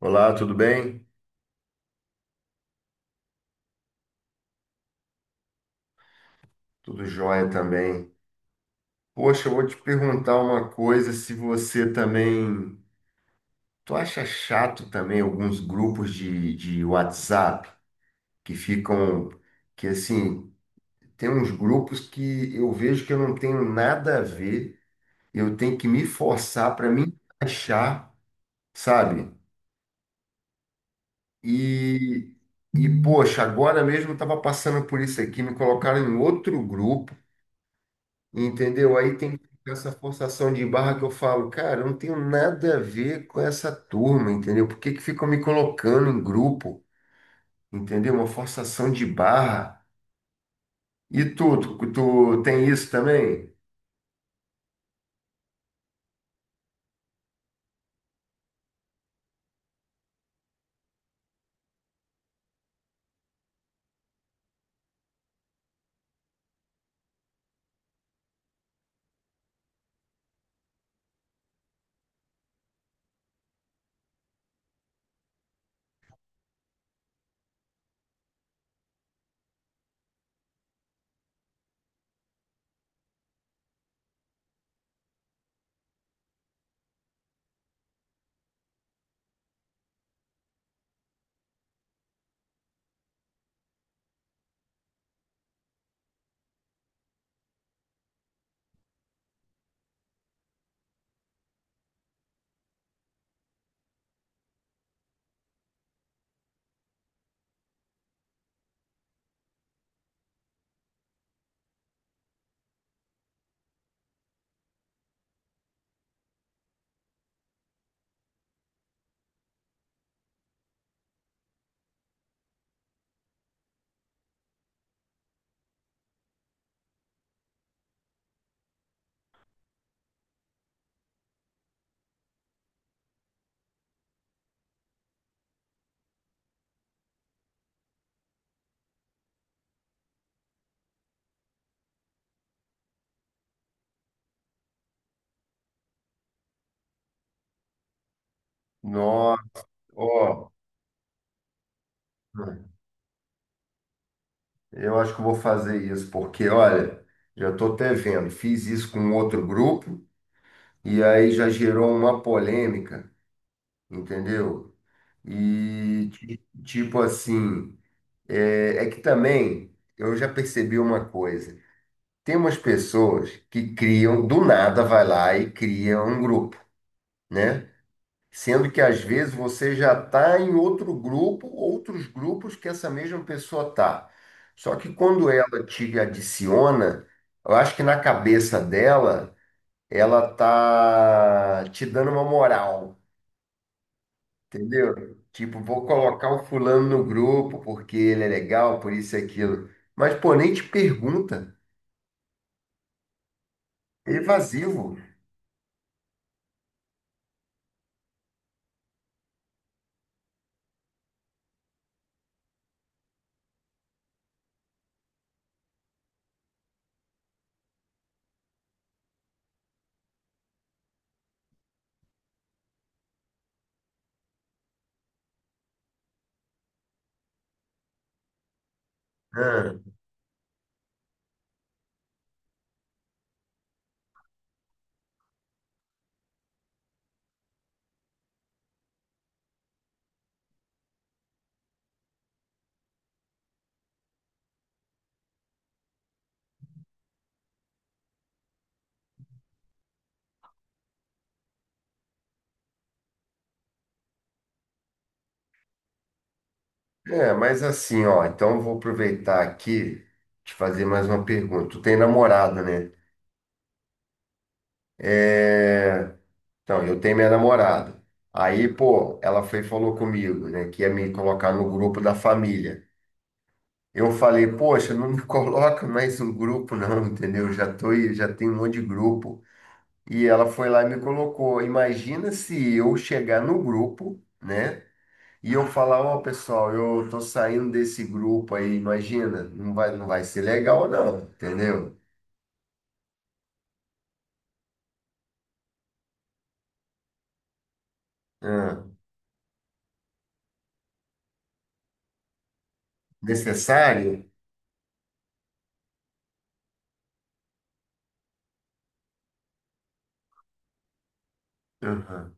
Olá, tudo bem? Tudo jóia também. Poxa, eu vou te perguntar uma coisa, se você também, tu acha chato também alguns grupos de WhatsApp que ficam, que assim, tem uns grupos que eu vejo que eu não tenho nada a ver, eu tenho que me forçar para me achar, sabe? E, e poxa, agora mesmo eu estava passando por isso aqui, me colocaram em outro grupo. Entendeu? Aí tem que ficar essa forçação de barra que eu falo, cara, eu não tenho nada a ver com essa turma, entendeu? Por que que ficam me colocando em grupo, entendeu? Uma forçação de barra. E tu tem isso também? Nossa, ó, eu acho que eu vou fazer isso, porque, olha, já estou até vendo, fiz isso com outro grupo e aí já gerou uma polêmica, entendeu? E tipo assim. É que também eu já percebi uma coisa. Tem umas pessoas que criam, do nada vai lá e cria um grupo, né? Sendo que às vezes você já está em outro grupo, outros grupos que essa mesma pessoa tá. Só que quando ela te adiciona, eu acho que na cabeça dela, ela tá te dando uma moral. Entendeu? Tipo, vou colocar o fulano no grupo porque ele é legal, por isso e aquilo. Mas, pô, nem te pergunta. É evasivo. Ah, é, mas assim, ó, então eu vou aproveitar aqui te fazer mais uma pergunta. Tu tem namorado, né? É... Então, eu tenho minha namorada. Aí, pô, ela foi e falou comigo, né, que ia me colocar no grupo da família. Eu falei, poxa, não me coloca mais no grupo, não, entendeu? Já tô, aí, já tenho um monte de grupo. E ela foi lá e me colocou. Imagina se eu chegar no grupo, né? E eu falar, ó, pessoal, eu tô saindo desse grupo aí, imagina, não vai, não vai ser legal, não, entendeu? Ah, necessário? Aham.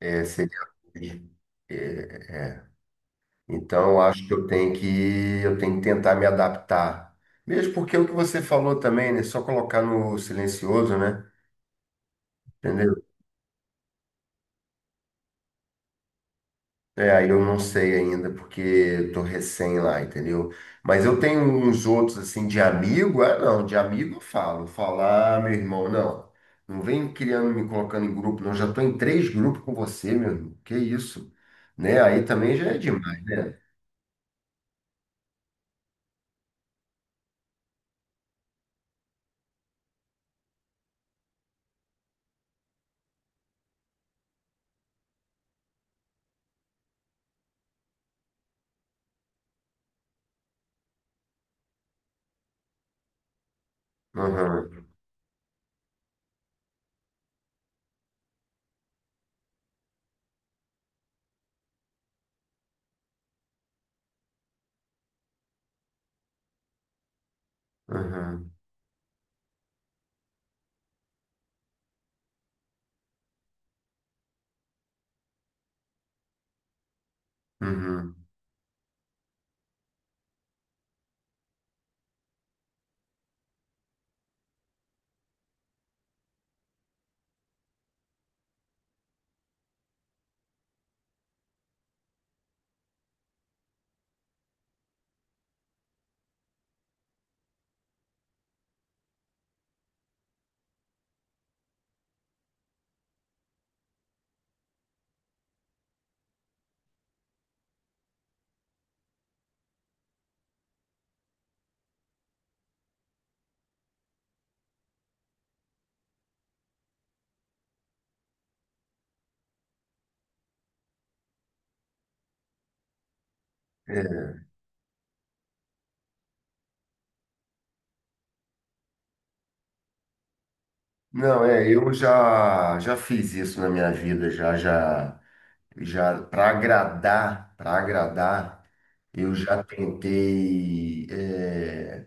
É, seria. É, então, eu acho que eu tenho que, eu tenho que tentar me adaptar. Mesmo porque o que você falou também, né? Só colocar no silencioso, né? Entendeu? É, aí eu não sei ainda, porque eu tô recém lá, entendeu? Mas eu tenho uns outros, assim, de amigo. Ah, não, de amigo eu falo. Falar, ah, meu irmão, não. Não vem criando, me colocando em grupo, não. Já tô em três grupos com você, meu irmão. Que isso? Né? Aí também já é demais, né? Aham, aham, uhum. É. Não, é, eu já, já fiz isso na minha vida, já, já, já, para agradar, eu já tentei. É,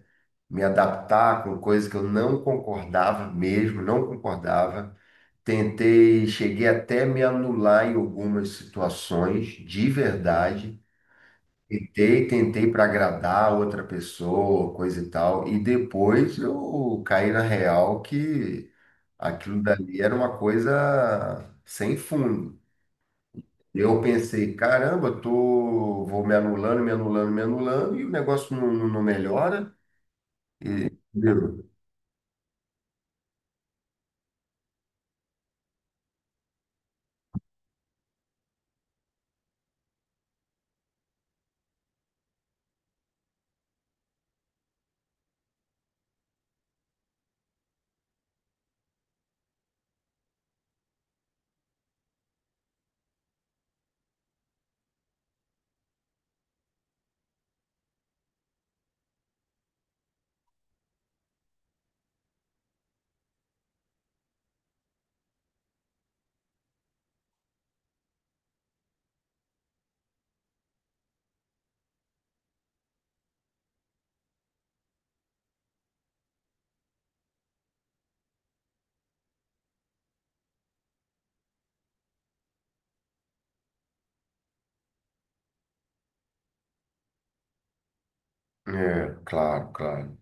me adaptar com coisas que eu não concordava mesmo, não concordava. Tentei, cheguei até me anular em algumas situações, de verdade. Tentei, tentei para agradar outra pessoa, coisa e tal. E depois eu caí na real que aquilo dali era uma coisa sem fundo. Eu pensei, caramba, eu tô, vou me anulando, me anulando, me anulando, e o negócio não, não não melhora. E, entendeu? É, claro, claro.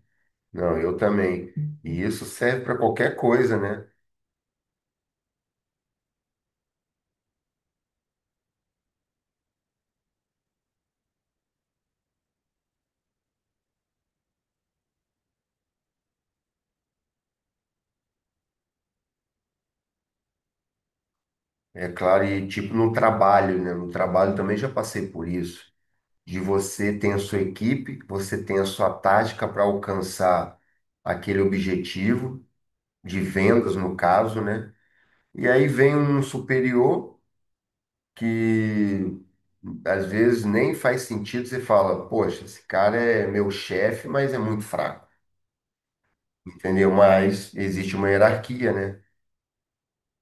Não, eu também. E isso serve para qualquer coisa, né? É claro, e tipo no trabalho, né? No trabalho também já passei por isso. De você tem a sua equipe, você tem a sua tática para alcançar aquele objetivo de vendas, no caso, né? E aí vem um superior que às vezes nem faz sentido, você fala, poxa, esse cara é meu chefe, mas é muito fraco, entendeu? Mas existe uma hierarquia, né?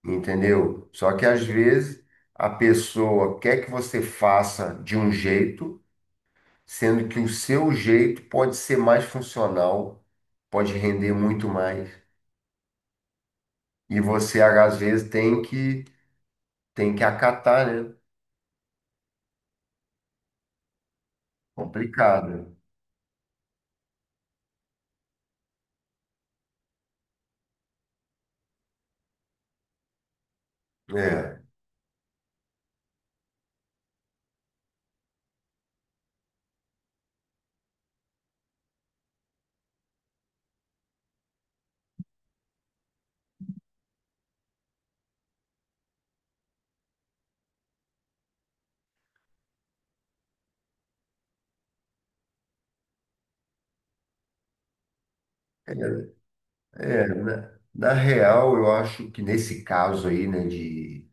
Entendeu? Só que às vezes a pessoa quer que você faça de um jeito, sendo que o seu jeito pode ser mais funcional, pode render muito mais. E você às vezes tem que acatar, né? Complicado. É, é, é, na, na real, eu acho que nesse caso aí, né,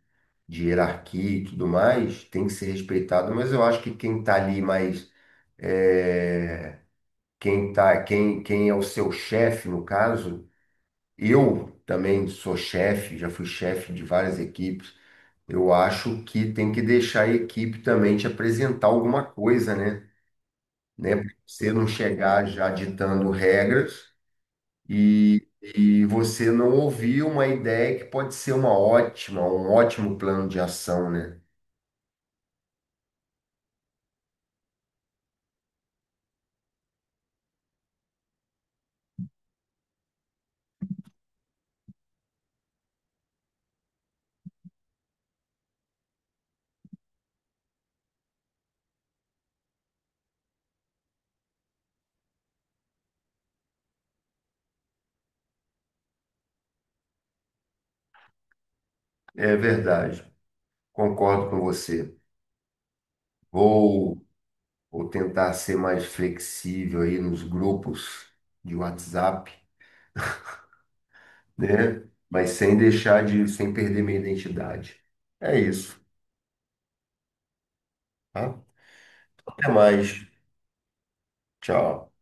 de hierarquia e tudo mais, tem que ser respeitado, mas eu acho que quem está ali mais é, quem tá, quem, quem é o seu chefe, no caso, eu também sou chefe, já fui chefe de várias equipes. Eu acho que tem que deixar a equipe também te apresentar alguma coisa, né? Né? Pra você não chegar já ditando regras e você não ouvir uma ideia que pode ser uma ótima, um ótimo plano de ação, né? É verdade. Concordo com você. Vou ou tentar ser mais flexível aí nos grupos de WhatsApp, né? Mas sem deixar de, sem perder minha identidade. É isso, tá? Até mais. Tchau.